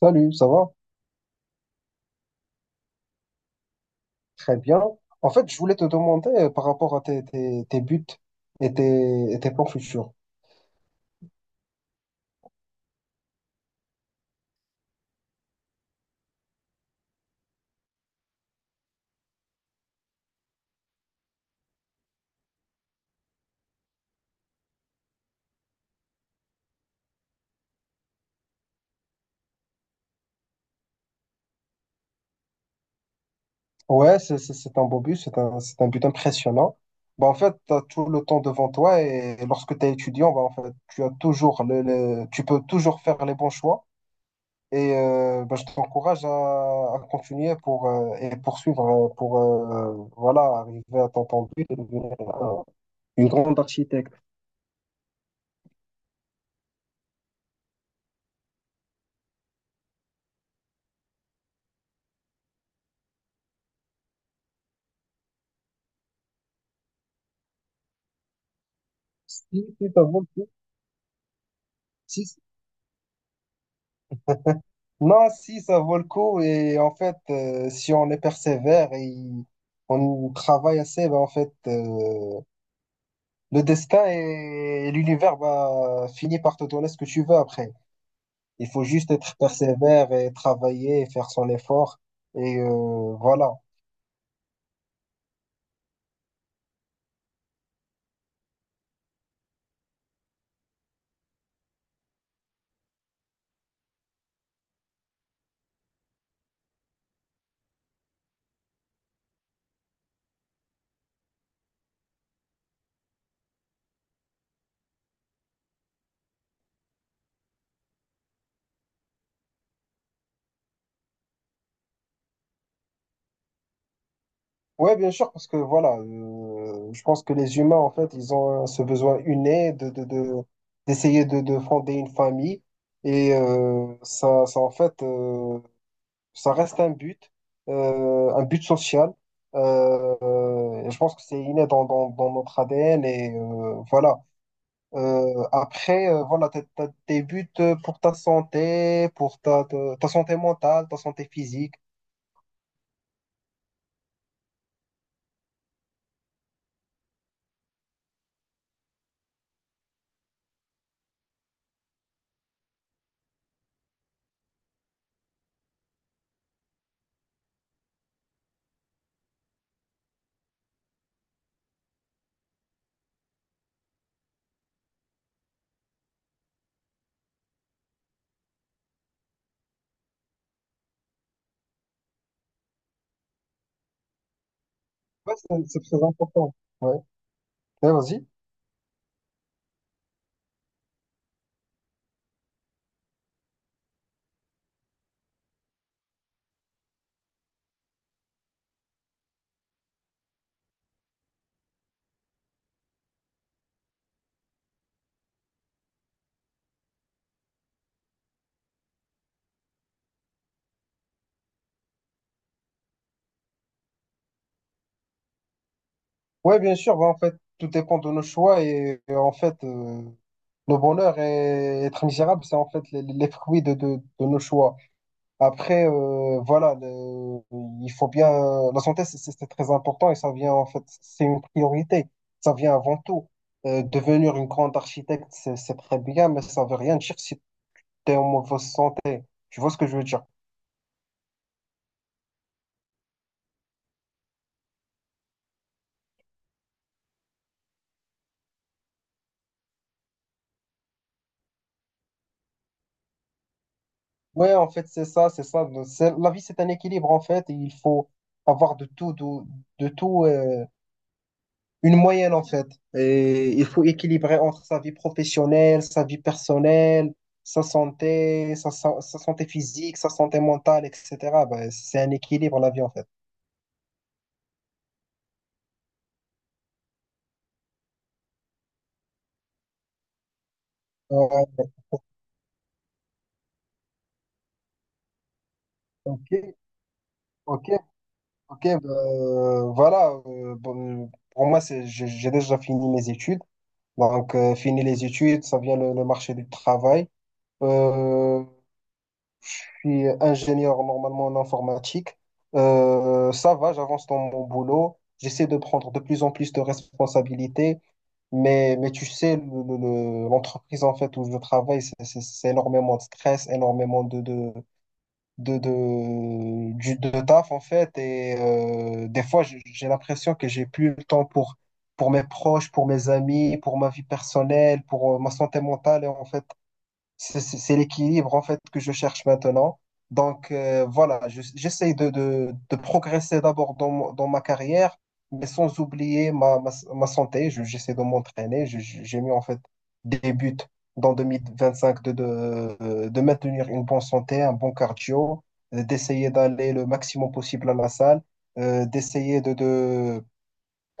Salut, ça va? Très bien. En fait, je voulais te demander par rapport à tes buts et tes plans futurs. Ouais, c'est un beau but, c'est un but impressionnant. Bah, en fait, tu as tout le temps devant toi et, lorsque tu es étudiant, bah, en fait, tu as toujours tu peux toujours faire les bons choix. Et bah, je t'encourage à continuer pour, et poursuivre pour voilà, arriver à ton but et devenir une grande architecte. Si, si, ça vaut le coup. Si, si. Non, si, ça vaut le coup. Et en fait, si on est persévère et on travaille assez, ben en fait, le destin et l'univers va finir par te donner ce que tu veux après. Il faut juste être persévère et travailler, et faire son effort. Et voilà. Ouais, bien sûr, parce que voilà, je pense que les humains, en fait, ils ont ce besoin inné d'essayer de fonder une famille. Et en fait, ça reste un but social. Et je pense que c'est inné dans notre ADN. Et voilà. Après, voilà, t'as tes buts pour ta santé, pour ta santé mentale, ta santé physique. Ouais, c'est très important. Ouais, ouais, vas-y. Ouais, bien sûr, bah, en fait, tout dépend de nos choix et en fait, le bonheur et être misérable, c'est en fait les fruits de nos choix. Après, voilà, il faut bien. La santé, c'est très important et ça vient en fait, c'est une priorité. Ça vient avant tout. Devenir une grande architecte, c'est très bien, mais ça veut rien dire si tu es en mauvaise santé. Tu vois ce que je veux dire? Ouais, en fait, c'est ça. La vie, c'est un équilibre en fait. Et il faut avoir de tout, de tout. Une moyenne, en fait. Et il faut équilibrer entre sa vie professionnelle, sa vie personnelle, sa santé, sa santé physique, sa santé mentale, etc. Ben, c'est un équilibre, la vie, en fait. Euh, ok, ok, ok. Ben, voilà. Bon, pour moi, c'est, j'ai déjà fini mes études. Donc, fini les études, ça vient le marché du travail. Euh, suis ingénieur normalement en informatique. Ça va, j'avance dans mon boulot. J'essaie de prendre de plus en plus de responsabilités. Mais tu sais, l'entreprise en fait où je travaille, c'est énormément de stress, énormément de taf en fait. Et des fois, j'ai l'impression que j'ai plus le temps pour mes proches, pour mes amis, pour ma vie personnelle, pour ma santé mentale. Et en fait, c'est l'équilibre en fait que je cherche maintenant. Donc voilà, j'essaie de progresser d'abord dans, dans ma carrière, mais sans oublier ma santé. J'essaie de m'entraîner. J'ai mis en fait des buts dans 2025 de maintenir une bonne santé, un bon cardio, d'essayer d'aller le maximum possible à la salle, d'essayer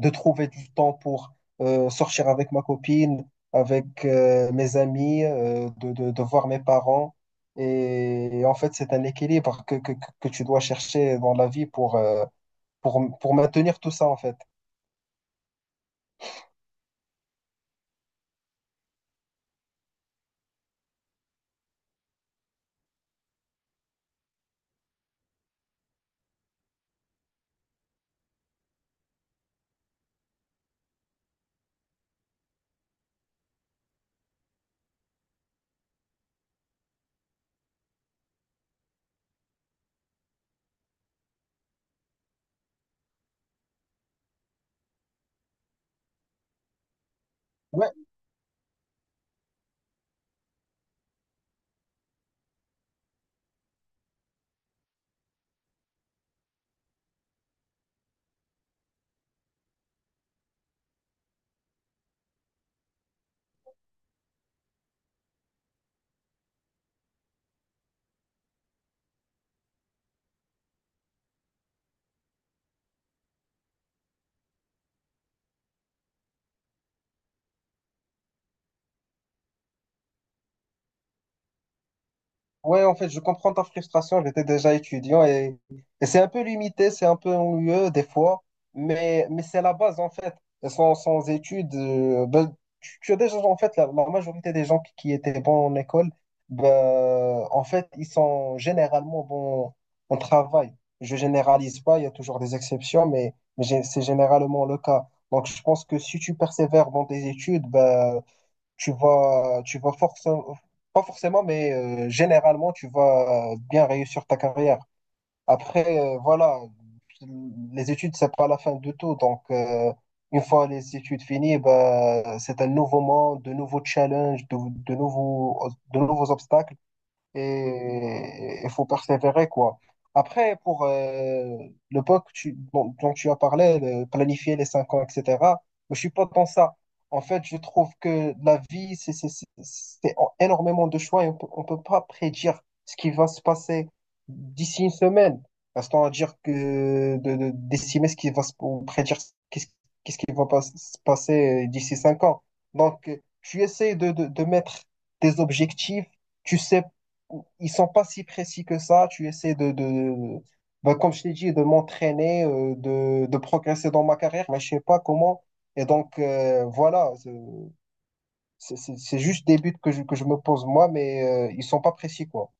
de trouver du temps pour sortir avec ma copine, avec mes amis, de voir mes parents. Et en fait, c'est un équilibre que tu dois chercher dans la vie pour, pour maintenir tout ça, en fait. Ouais, ouais, en fait, je comprends ta frustration. J'étais déjà étudiant et c'est un peu limité, c'est un peu ennuyeux des fois, mais c'est la base en fait. Et sans études, ben, tu as déjà en fait la majorité des gens qui étaient bons en école, ben, en fait, ils sont généralement bons en travail. Je généralise pas, il y a toujours des exceptions, mais c'est généralement le cas. Donc, je pense que si tu persévères dans tes études, ben, tu vas forcément, pas forcément, mais généralement, tu vas bien réussir ta carrière. Après, voilà, les études, c'est pas la fin de tout. Donc, une fois les études finies, bah, c'est un nouveau monde, de nouveaux challenges, de nouveaux obstacles et il faut persévérer, quoi. Après, pour le POC tu, dont tu as parlé, planifier les cinq ans, etc., je suis pas dans ça. En fait, je trouve que la vie, c'est énormément de choix et on peut pas prédire ce qui va se passer d'ici une semaine. Restons à dire que d'estimer ce qui va se, ou prédire qu'est-ce qu'est-ce qui va pas se passer d'ici cinq ans. Donc, tu essaies de mettre des objectifs, tu sais ils sont pas si précis que ça. Tu essaies de ben, comme je t'ai dit, de m'entraîner, de progresser dans ma carrière, mais je sais pas comment. Et donc, voilà, c'est juste des buts que je me pose moi, mais ils sont pas précis, quoi.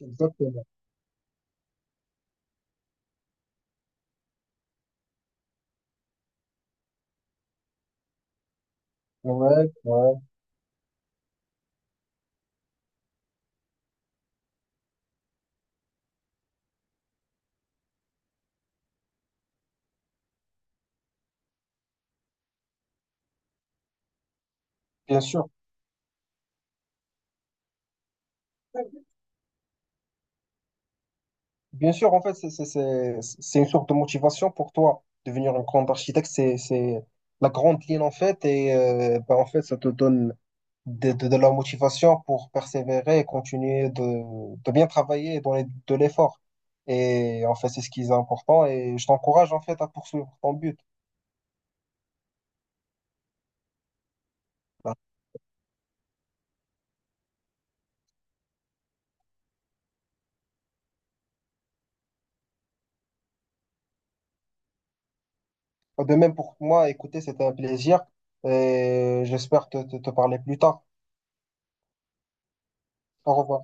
Exactement. Ouais, ouais, bien sûr. Bien sûr, en fait, c'est une sorte de motivation pour toi. Devenir un grand architecte, c'est la grande ligne, en fait. Et ben, en fait, ça te donne de la motivation pour persévérer et continuer de bien travailler de l'effort. Et en fait, c'est ce qui est important. Et je t'encourage, en fait, à poursuivre ton but. De même pour moi, écoutez, c'était un plaisir. Et j'espère te parler plus tard. Au revoir.